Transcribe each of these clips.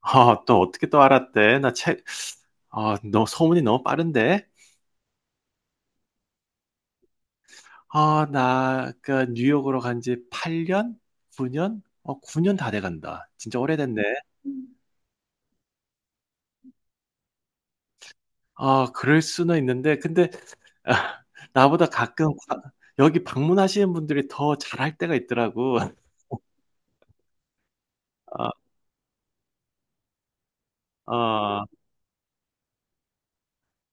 아, 또 어떻게 또 알았대? 아, 너 소문이 너무 빠른데? 아, 나, 그, 뉴욕으로 간지 8년? 9년? 어, 9년 다 돼간다. 진짜 오래됐네. 아, 그럴 수는 있는데, 근데, 아, 나보다 여기 방문하시는 분들이 더 잘할 때가 있더라고. 아, 아,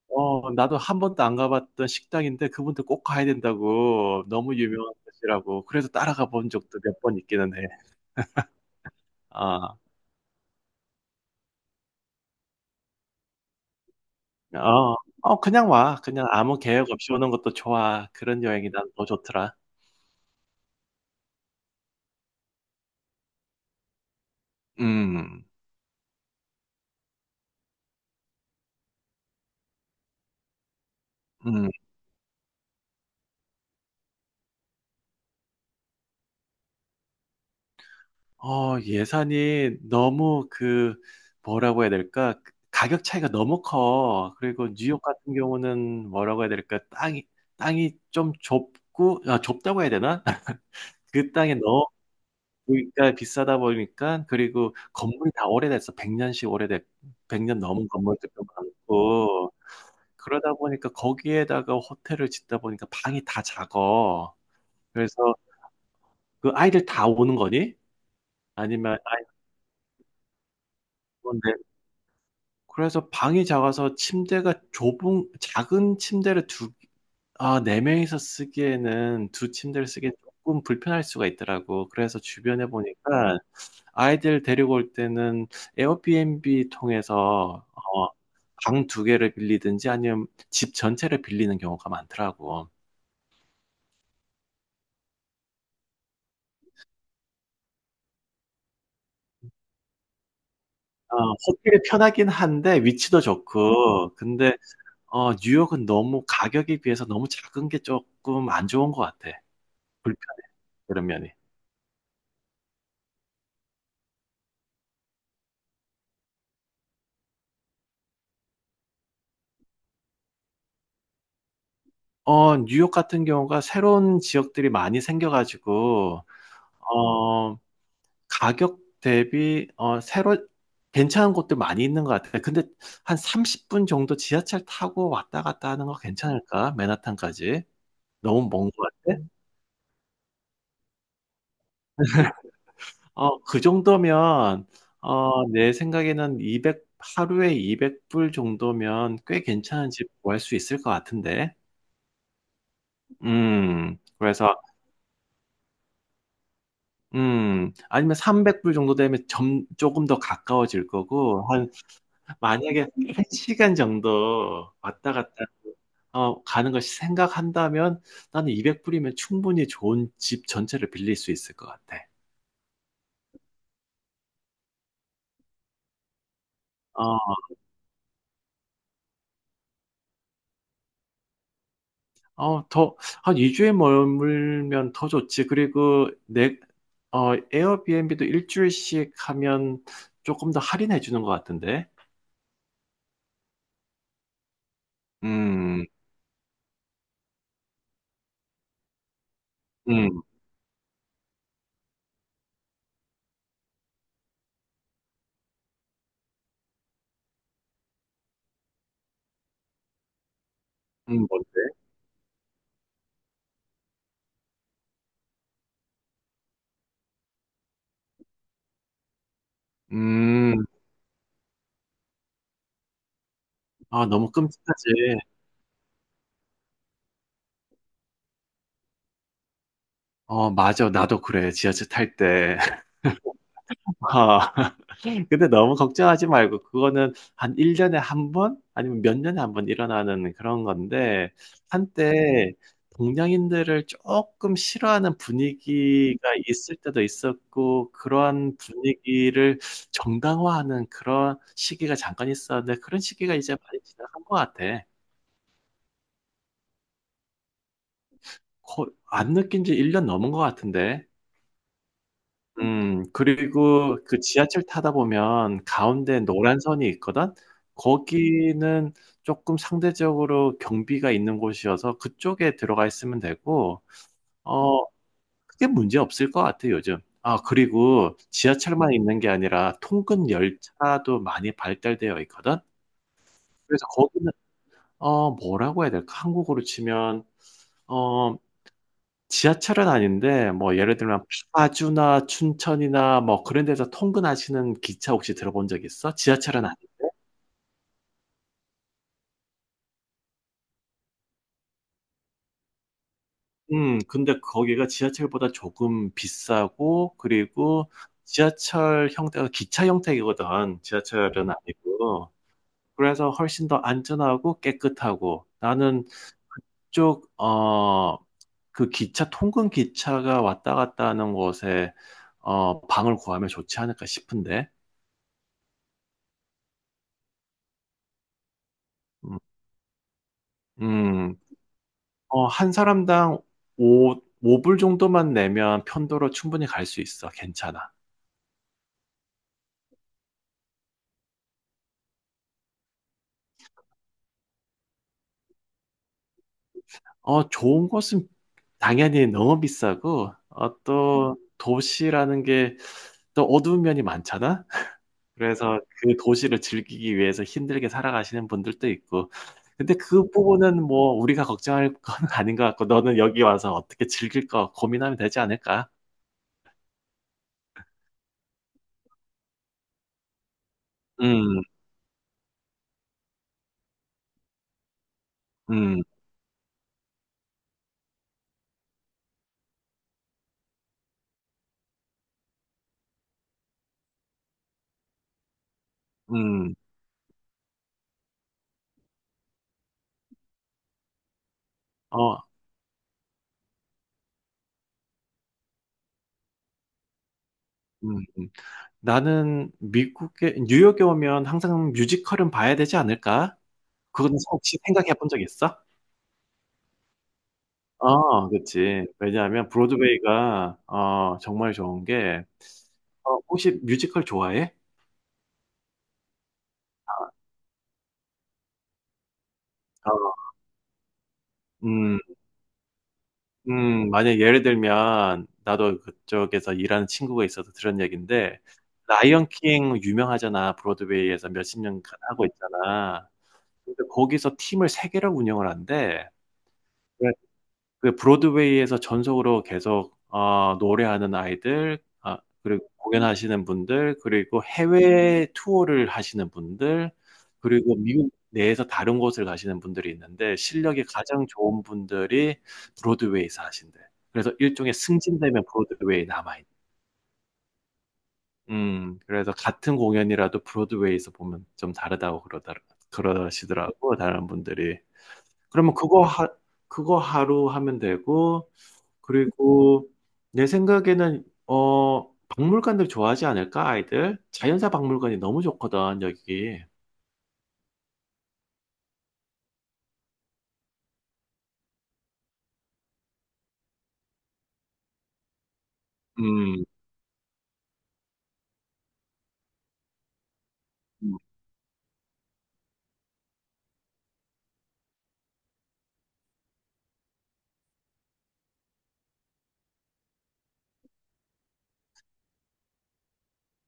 어, 나도 한 번도 안 가봤던 식당인데, 그분들 꼭 가야 된다고. 너무 유명한 곳이라고. 그래서 따라가 본 적도 몇 번 있기는 해. 아. 어. 어, 그냥 와. 그냥 아무 계획 없이 오는 것도 좋아. 그런 여행이 난 더 좋더라. 음. 음. 어, 예산이 너무 그, 뭐라고 해야 될까? 그 가격 차이가 너무 커. 그리고 뉴욕 같은 경우는 뭐라고 해야 될까? 땅이 좀 좁고, 아, 좁다고 해야 되나? 그 땅이 너무 그러니까 비싸다 보니까. 그리고 건물이 다 오래됐어. 100 년씩 오래됐 100년 넘은 건물들도 많고, 그러다 보니까 거기에다가 호텔을 짓다 보니까 방이 다 작아. 그래서 그 아이들 다 오는 거니? 아니면 아이 오는데, 그래서 방이 작아서 침대가 좁은 작은 침대를 두 아, 4명이서 쓰기에는 두 침대를 쓰기엔 조금 불편할 수가 있더라고. 그래서 주변에 보니까 아이들 데리고 올 때는 에어비앤비 통해서, 어, 방 2개를 빌리든지 아니면 집 전체를 빌리는 경우가 많더라고. 어, 호텔이 편하긴 한데 위치도 좋고. 근데, 어, 뉴욕은 너무 가격에 비해서 너무 작은 게 쪼끔 안 좋은 것 같아. 불편해, 그런 면이. 어, 뉴욕 같은 경우가 새로운 지역들이 많이 생겨 가지고, 어, 가격 대비 어 새로 괜찮은 곳들 많이 있는 것 같아. 근데 한 30분 정도 지하철 타고 왔다 갔다 하는 거 괜찮을까? 맨하탄까지. 너무 먼 것 같아? 어, 그 정도면, 어, 내 생각에는 하루에 200불 정도면 꽤 괜찮은 집 구할 수 있을 것 같은데. 그래서, 아니면 300불 정도 되면 조금 더 가까워질 거고, 한, 만약에 한 시간 정도 왔다 갔다, 어, 가는 것이 생각한다면 나는 200불이면 충분히 좋은 집 전체를 빌릴 수 있을 것 같아. 어, 어, 더, 한 2주에 머물면 더 좋지. 그리고 내, 어, 에어비앤비도 일주일씩 하면 조금 더 할인해 주는 것 같은데. 음, 음, 뭔데? 음, 아, 너무 끔찍하지. 어, 맞아. 나도 그래. 지하철 탈 때. 근데 너무 걱정하지 말고, 그거는 한 1년에 한 번? 아니면 몇 년에 한 번 일어나는 그런 건데, 한때 동양인들을 조금 싫어하는 분위기가 있을 때도 있었고, 그러한 분위기를 정당화하는 그런 시기가 잠깐 있었는데, 그런 시기가 이제 많이 지나간 것 같아. 안 느낀 지 1년 넘은 것 같은데. 음, 그리고 그 지하철 타다 보면 가운데 노란 선이 있거든. 거기는 쪼끔 상대적으로 경비가 있는 곳이어서 그쪽에 들어가 있으면 되고, 어, 크게 문제 없을 것 같아 요즘. 아, 그리고 지하철만 있는 게 아니라 통근 열차도 많이 발달되어 있거든. 그래서 거기는, 어, 뭐라고 해야 될까? 한국으로 치면, 어, 지하철은 아닌데 뭐 예를 들면 파주나 춘천이나 뭐 그런 데서 통근하시는 기차 혹시 들어본 적 있어? 지하철은 아니 음, 근데 거기가 지하철보다 조금 비싸고, 그리고 지하철 형태가 기차 형태이거든. 지하철은 아니고. 그래서 훨씬 더 안전하고 깨끗하고. 나는 그쪽 어 그 기차 통근 기차가 왔다 갔다 하는 곳에, 어, 방을 구하면 좋지 않을까 싶은데. 음. 음. 어, 한 사람당 5, 오불 정도만 내면 편도로 충분히 갈 수 있어. 괜찮아. 어, 좋은 곳은 당연히 너무 비싸고, 어, 또 도시라는 게 또 어두운 면이 많잖아? 그래서 그 도시를 즐기기 위해서 힘들게 살아가시는 분들도 있고. 근데 그 부분은 뭐 우리가 걱정할 건 아닌 것 같고, 너는 여기 와서 어떻게 즐길 거 고민하면 되지 않을까? 음, 음, 음, 어, 음. 나는 뉴욕에 오면 항상 뮤지컬은 봐야 되지 않을까? 그거는 혹시 생각해 본 적 있어? 어, 그치. 왜냐하면 브로드웨이가, 어, 정말 좋은 게, 어, 혹시 뮤지컬 좋아해? 어, 음, 만약 예를 들면, 나도 그쪽에서 일하는 친구가 있어서 들은 얘기인데, 라이언 킹 유명하잖아. 브로드웨이에서 몇 십 년간 하고 있잖아. 근데 거기서 팀을 3개를 운영을 한대. 그 브로드웨이에서 전속으로 계속, 어, 노래하는 아이들. 그리고 공연하시는 분들. 그리고 해외 투어를 하시는 분들. 그리고 미국 내에서 다른 곳을 가시는 분들이 있는데, 실력이 가장 좋은 분들이 브로드웨이에서 하신대. 그래서 일종의 승진되면 브로드웨이에 남아있. 음, 그래서 같은 공연이라도 브로드웨이에서 보면 좀 다르다고 그러다, 그러시더라고 다른 분들이. 그러면 그거 하루 하면 되고. 그리고 내 생각에는, 어, 박물관들 좋아하지 않을까 아이들? 자연사 박물관이 너무 좋거든 여기. 음, 음,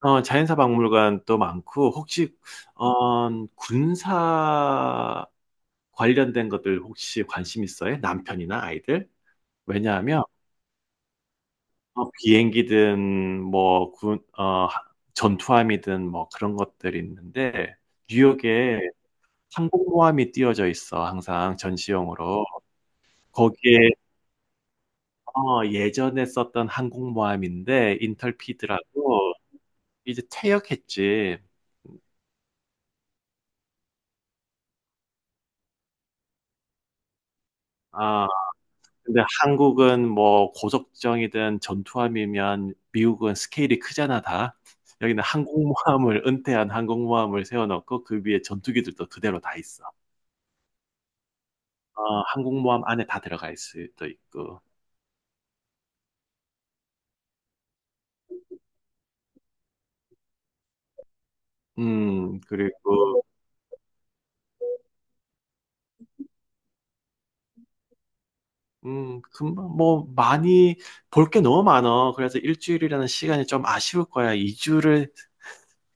어, 자연사 박물관도 많고, 혹시, 어, 군사 관련된 것들 혹시 관심 있어요? 남편이나 아이들? 왜냐하면, 어, 비행기든 전투함이든 뭐 그런 것들이 있는데, 뉴욕에 항공모함이 띄워져 있어 항상 전시용으로. 거기에, 어, 예전에 썼던 항공모함인데, 인털피드라고. 이제 퇴역했지. 아, 근데 한국은 뭐 고속정이든 전투함이면, 미국은 스케일이 크잖아 다. 여기는 항공모함을 은퇴한 항공모함을 세워 놓고 그 위에 전투기들도 그대로 다 있어. 어, 항공모함 안에 다 들어가 있을 수도 있고. 음, 그리고, 음, 금방 뭐 많이 볼 게 너무 많어. 그래서 일주일이라는 시간이 좀 아쉬울 거야. 2주를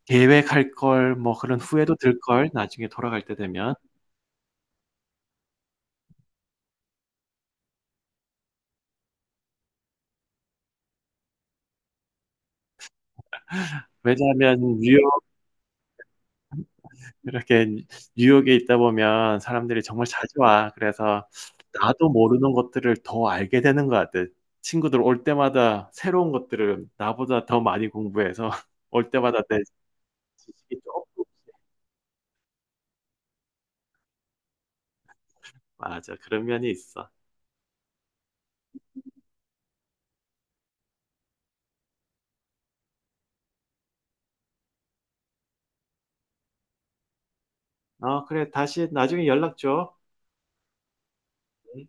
계획할 걸, 뭐 그런 후회도 들 걸 나중에 돌아갈 때 되면. 왜냐하면 이렇게 뉴욕에 있다 보면 사람들이 정말 자주 와. 그래서 나도 모르는 것들을 더 알게 되는 것 같아. 친구들 올 때마다 새로운 것들을 나보다 더 많이 공부해서 올 때마다 내 시기 조금 맞아. 그런 면이 있어. 어, 그래. 다시 나중에 연락 줘. 음.